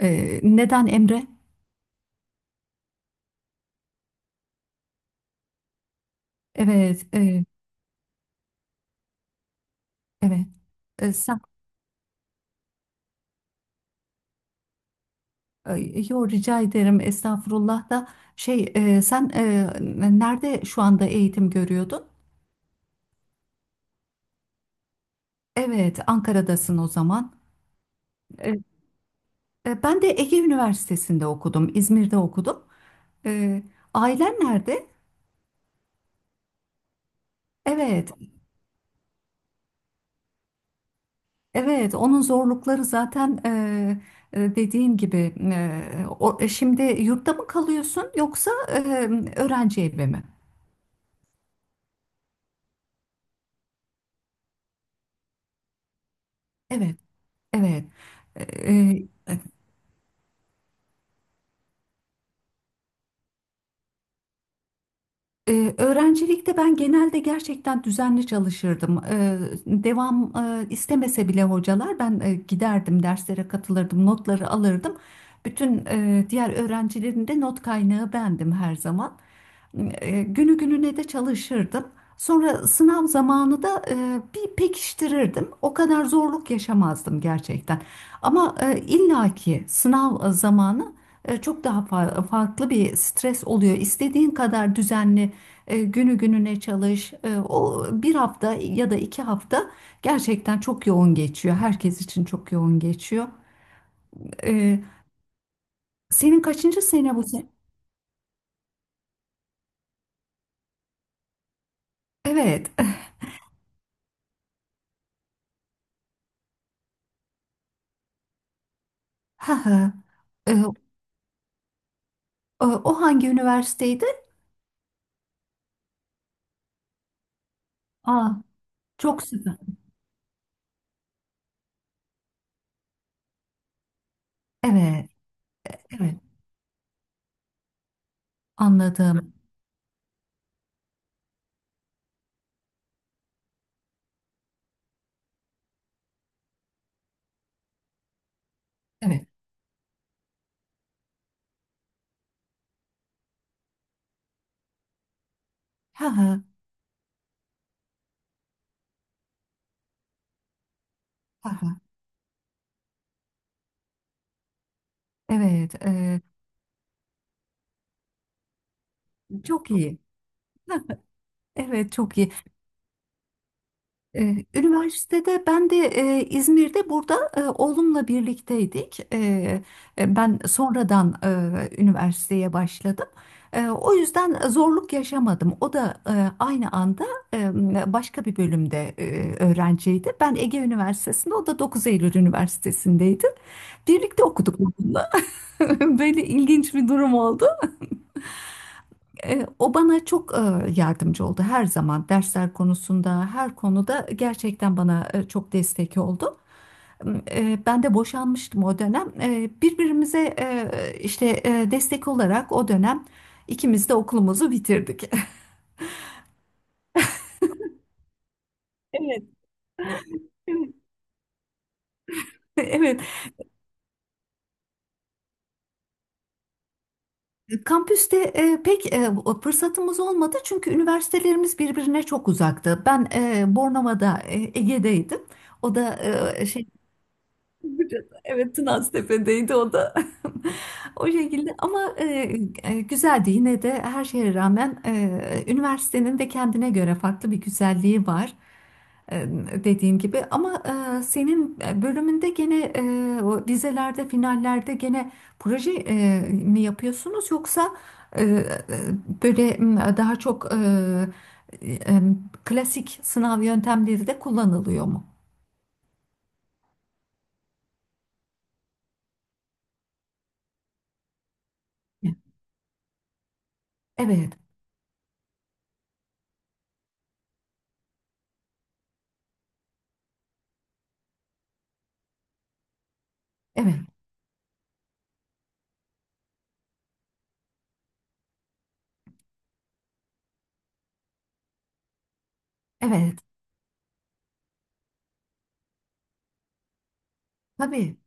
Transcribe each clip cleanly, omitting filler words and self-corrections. Neden Emre? Evet, evet. E, sen, e, Yo, rica ederim estağfurullah da şey, nerede şu anda eğitim görüyordun? Evet, Ankara'dasın o zaman. E, Ben de Ege Üniversitesi'nde okudum, İzmir'de okudum. E, Ailen nerede? Evet, evet. Onun zorlukları zaten, dediğin gibi. Şimdi yurtta mı kalıyorsun, yoksa öğrenci evi mi? Evet. Evet. Eee, Öğrencilikte ben genelde gerçekten düzenli çalışırdım. Devam istemese bile hocalar, ben giderdim, derslere katılırdım, notları alırdım. Bütün diğer öğrencilerin de not kaynağı bendim her zaman. Günü gününe de çalışırdım. Sonra sınav zamanı da bir pekiştirirdim. O kadar zorluk yaşamazdım gerçekten. Ama illaki sınav zamanı çok daha farklı bir stres oluyor. İstediğin kadar düzenli günü gününe çalış. O bir hafta ya da iki hafta gerçekten çok yoğun geçiyor. Herkes için çok yoğun geçiyor. E, Senin kaçıncı sene bu sene? Evet. Ha ha. E, o o hangi üniversiteydi? Aa, çok süper. Evet, evet. Anladım. Evet. Ha ha. Ha ha. Evet, çok iyi. Evet, çok iyi. Üniversitede ben de İzmir'de, burada oğlumla birlikteydik. Ben sonradan üniversiteye başladım. O yüzden zorluk yaşamadım. O da aynı anda başka bir bölümde öğrenciydi. Ben Ege Üniversitesi'nde, o da 9 Eylül Üniversitesi'ndeydi. Birlikte okuduk onunla. Böyle ilginç bir durum oldu. O bana çok yardımcı oldu her zaman, dersler konusunda, her konuda gerçekten bana çok destek oldu. Ben de boşanmıştım o dönem. Birbirimize, işte, destek olarak o dönem ikimiz de okulumuzu bitirdik. Evet. Evet. Evet. Kampüste pek fırsatımız olmadı, çünkü üniversitelerimiz birbirine çok uzaktı. Ben Bornova'da, Ege'deydim. O da şey. Evet, Tınaztepe'deydi o da. O şekilde, ama güzeldi yine de, her şeye rağmen üniversitenin de kendine göre farklı bir güzelliği var. E, Dediğin gibi, ama senin bölümünde gene, o dizelerde, finallerde gene proje mi yapıyorsunuz, yoksa e, e, böyle, daha çok e, e, klasik sınav yöntemleri de kullanılıyor mu? Evet, evet, evet. Tabii,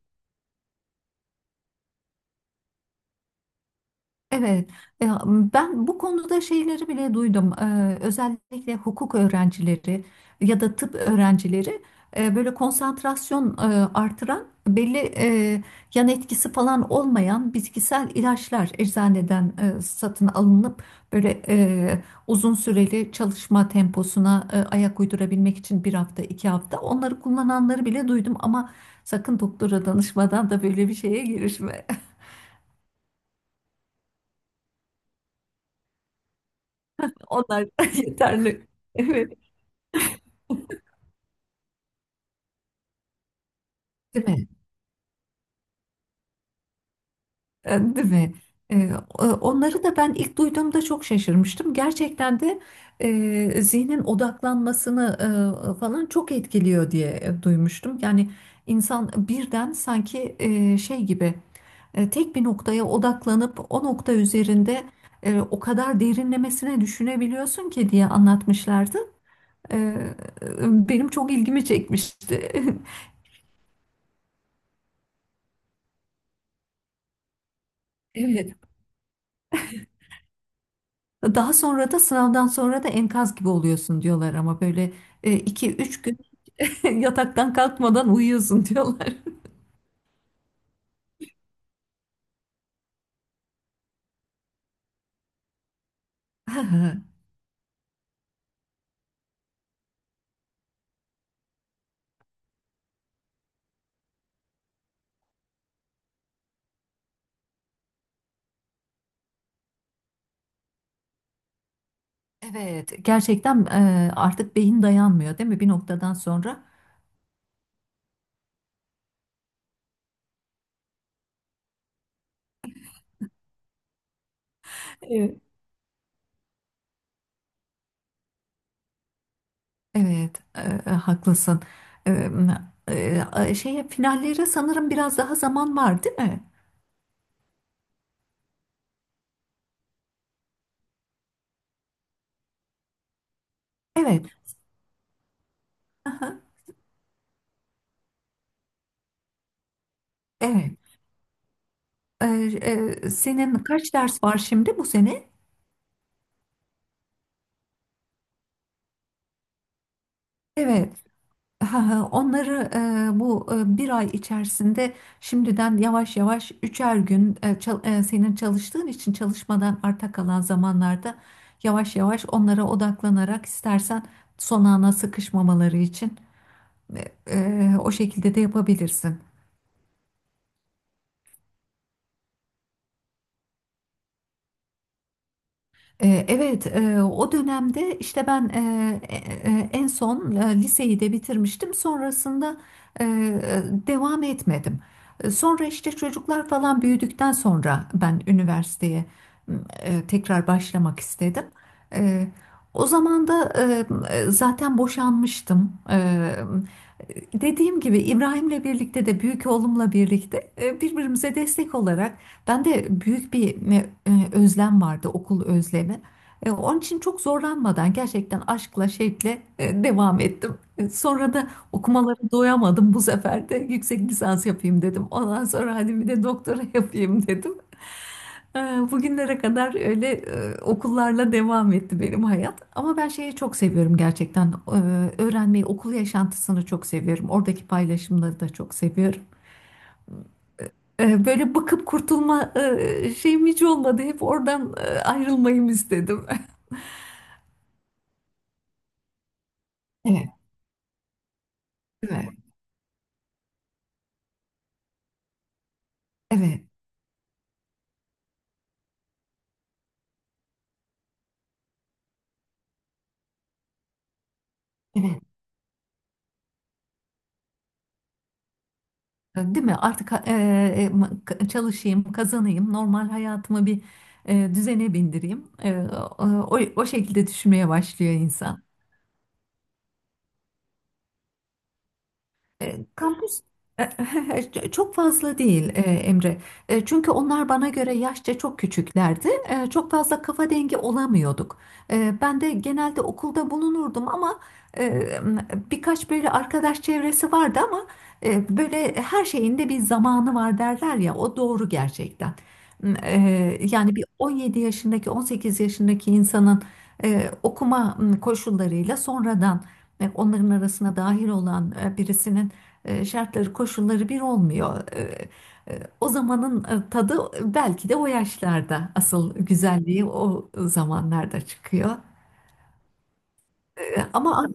evet. E, Ben bu konuda şeyleri bile duydum. Özellikle hukuk öğrencileri ya da tıp öğrencileri, böyle konsantrasyon artıran, belli yan etkisi falan olmayan bitkisel ilaçlar eczaneden satın alınıp, böyle uzun süreli çalışma temposuna ayak uydurabilmek için bir hafta, iki hafta onları kullananları bile duydum, ama sakın doktora danışmadan da böyle bir şeye girişme. Onlar yeterli. Evet. Değil mi? E, Değil mi? E, Onları da ben ilk duyduğumda çok şaşırmıştım. Gerçekten de zihnin odaklanmasını falan çok etkiliyor diye duymuştum. Yani insan birden sanki şey gibi, tek bir noktaya odaklanıp o nokta üzerinde o kadar derinlemesine düşünebiliyorsun ki diye anlatmışlardı. E, Benim çok ilgimi çekmişti. Evet. Daha sonra da, sınavdan sonra da enkaz gibi oluyorsun diyorlar, ama böyle iki üç gün yataktan kalkmadan uyuyorsun diyorlar. Evet, gerçekten artık beyin dayanmıyor, değil mi bir noktadan sonra? Evet. Evet, haklısın. E, Şeye, finallere sanırım biraz daha zaman var, değil mi? Evet. Aha. Evet. E, Senin kaç ders var şimdi bu sene? Evet. Ha, ha. Onları bu bir ay içerisinde şimdiden yavaş yavaş, üçer gün, senin çalıştığın için çalışmadan arta kalan zamanlarda yavaş yavaş onlara odaklanarak istersen, son ana sıkışmamaları için e, o şekilde de yapabilirsin. Evet, o dönemde işte ben e, en son liseyi de bitirmiştim. Sonrasında devam etmedim. Sonra işte çocuklar falan büyüdükten sonra ben üniversiteye tekrar başlamak istedim. E, O zaman da zaten boşanmıştım. Dediğim gibi, İbrahim'le birlikte, de büyük oğlumla birlikte birbirimize destek olarak, ben de büyük bir özlem vardı, okul özlemi. Onun için çok zorlanmadan, gerçekten aşkla, şevkle devam ettim. Sonra da okumaları doyamadım, bu sefer de yüksek lisans yapayım dedim. Ondan sonra hadi bir de doktora yapayım dedim. E, Bugünlere kadar öyle okullarla devam etti benim hayat. Ama ben şeyi çok seviyorum gerçekten. Öğrenmeyi, okul yaşantısını çok seviyorum. Oradaki paylaşımları da çok seviyorum. Böyle bakıp kurtulma şeyim hiç olmadı. Hep oradan ayrılmayım istedim. Evet, evet, evet, evet. Değil mi? Artık çalışayım, kazanayım, normal hayatımı bir düzene bindireyim. O, o şekilde düşünmeye başlıyor insan. Kampüs çok fazla değil, Emre. Çünkü onlar bana göre yaşça çok küçüklerdi. Çok fazla kafa dengi olamıyorduk. Ben de genelde okulda bulunurdum, ama e, birkaç böyle arkadaş çevresi vardı, ama böyle her şeyin de bir zamanı var derler ya, o doğru gerçekten. E, Yani bir 17 yaşındaki, 18 yaşındaki insanın okuma koşullarıyla, sonradan onların arasına dahil olan birisinin şartları, koşulları bir olmuyor. O zamanın tadı, belki de o yaşlarda asıl güzelliği o zamanlarda çıkıyor. E, Ama An-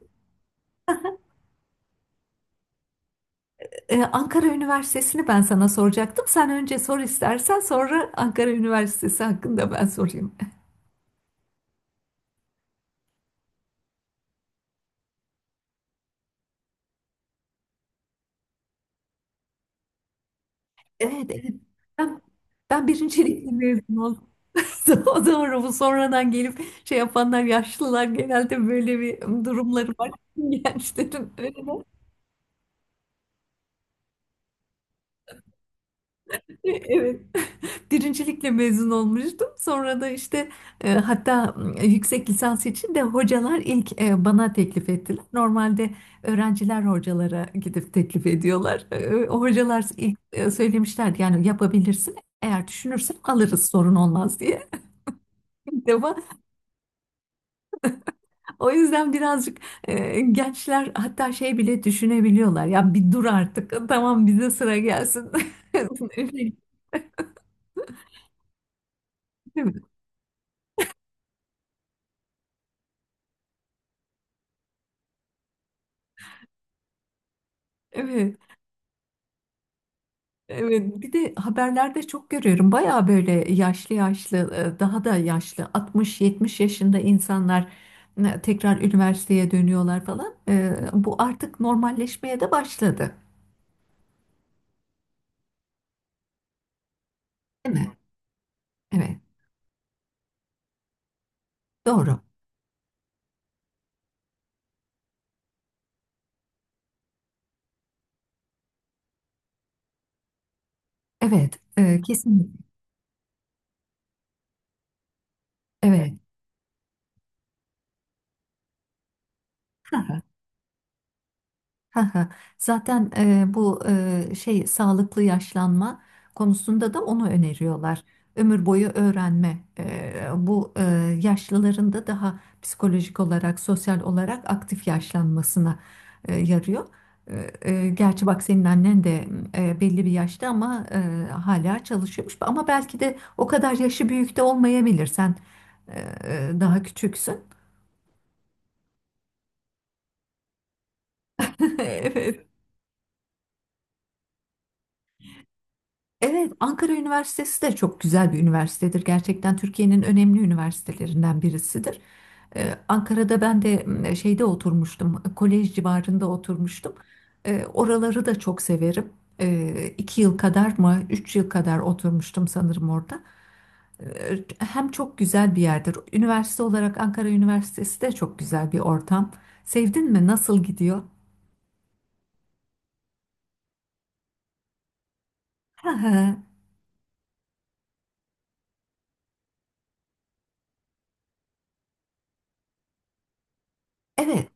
e, Ankara Üniversitesi'ni ben sana soracaktım. Sen önce sor, istersen sonra Ankara Üniversitesi hakkında ben sorayım. Evet, evet. Ben, ben birincilikle mezun oldum. O doğru, bu sonradan gelip şey yapanlar, yaşlılar, genelde böyle bir durumları var gençlerin. Evet. Birincilikle mezun olmuştum. Sonra da işte, hatta yüksek lisans için de hocalar ilk bana teklif ettiler. Normalde öğrenciler hocalara gidip teklif ediyorlar. O hocalar ilk söylemişlerdi, yani yapabilirsin. Eğer düşünürsen alırız, sorun olmaz diye. İlk defa. O yüzden birazcık, gençler hatta şey bile düşünebiliyorlar. Ya bir dur artık, tamam bize sıra gelsin. Öyle. Değil mi? Evet. Evet, bir de haberlerde çok görüyorum. Bayağı böyle yaşlı yaşlı, daha da yaşlı, 60-70 yaşında insanlar tekrar üniversiteye dönüyorlar falan. Bu artık normalleşmeye de başladı, değil mi? Evet, doğru. Evet, kesinlikle. Evet. Haha. Zaten bu şey, sağlıklı yaşlanma konusunda da onu öneriyorlar. Ömür boyu öğrenme. Bu yaşlıların da daha psikolojik olarak, sosyal olarak aktif yaşlanmasına yarıyor. Gerçi bak, senin annen de belli bir yaşta, ama hala çalışıyormuş. Ama belki de o kadar yaşı büyük de olmayabilir. Sen e, daha küçüksün. Evet. Evet, Ankara Üniversitesi de çok güzel bir üniversitedir. Gerçekten Türkiye'nin önemli üniversitelerinden birisidir. Ankara'da ben de şeyde oturmuştum, kolej civarında oturmuştum. Oraları da çok severim. İki yıl kadar mı, üç yıl kadar oturmuştum sanırım orada. Hem çok güzel bir yerdir. Üniversite olarak Ankara Üniversitesi de çok güzel bir ortam. Sevdin mi? Nasıl gidiyor? Evet.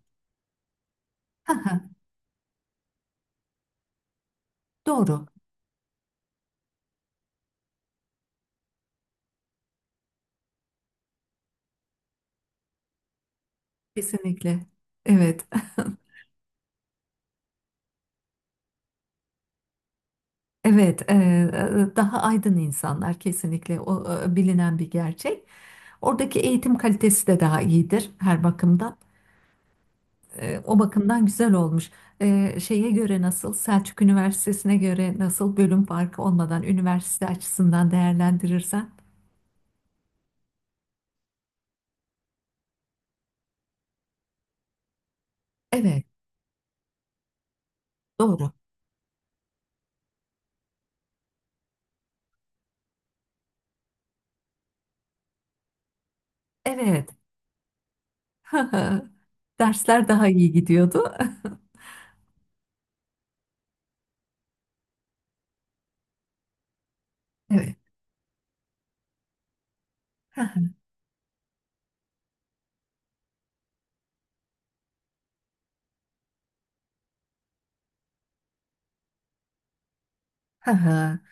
Doğru. Kesinlikle. Evet. Evet, daha aydın insanlar kesinlikle, o bilinen bir gerçek. Oradaki eğitim kalitesi de daha iyidir her bakımdan. O bakımdan güzel olmuş. Şeye göre nasıl, Selçuk Üniversitesi'ne göre nasıl, bölüm farkı olmadan üniversite açısından değerlendirirsen. Evet, doğru. Evet. Dersler daha iyi gidiyordu. Evet.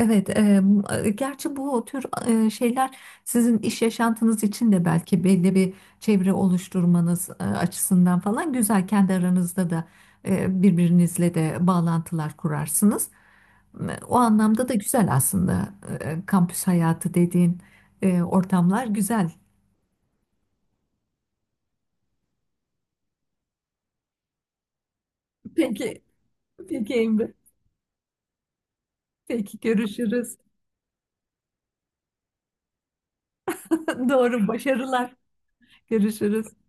Evet, gerçi bu tür şeyler sizin iş yaşantınız için de belki belli bir çevre oluşturmanız açısından falan güzel. Kendi aranızda da birbirinizle de bağlantılar kurarsınız. O anlamda da güzel aslında. Kampüs hayatı dediğin ortamlar güzel. Peki, peki Emre. Peki, görüşürüz. Doğru, başarılar. Görüşürüz.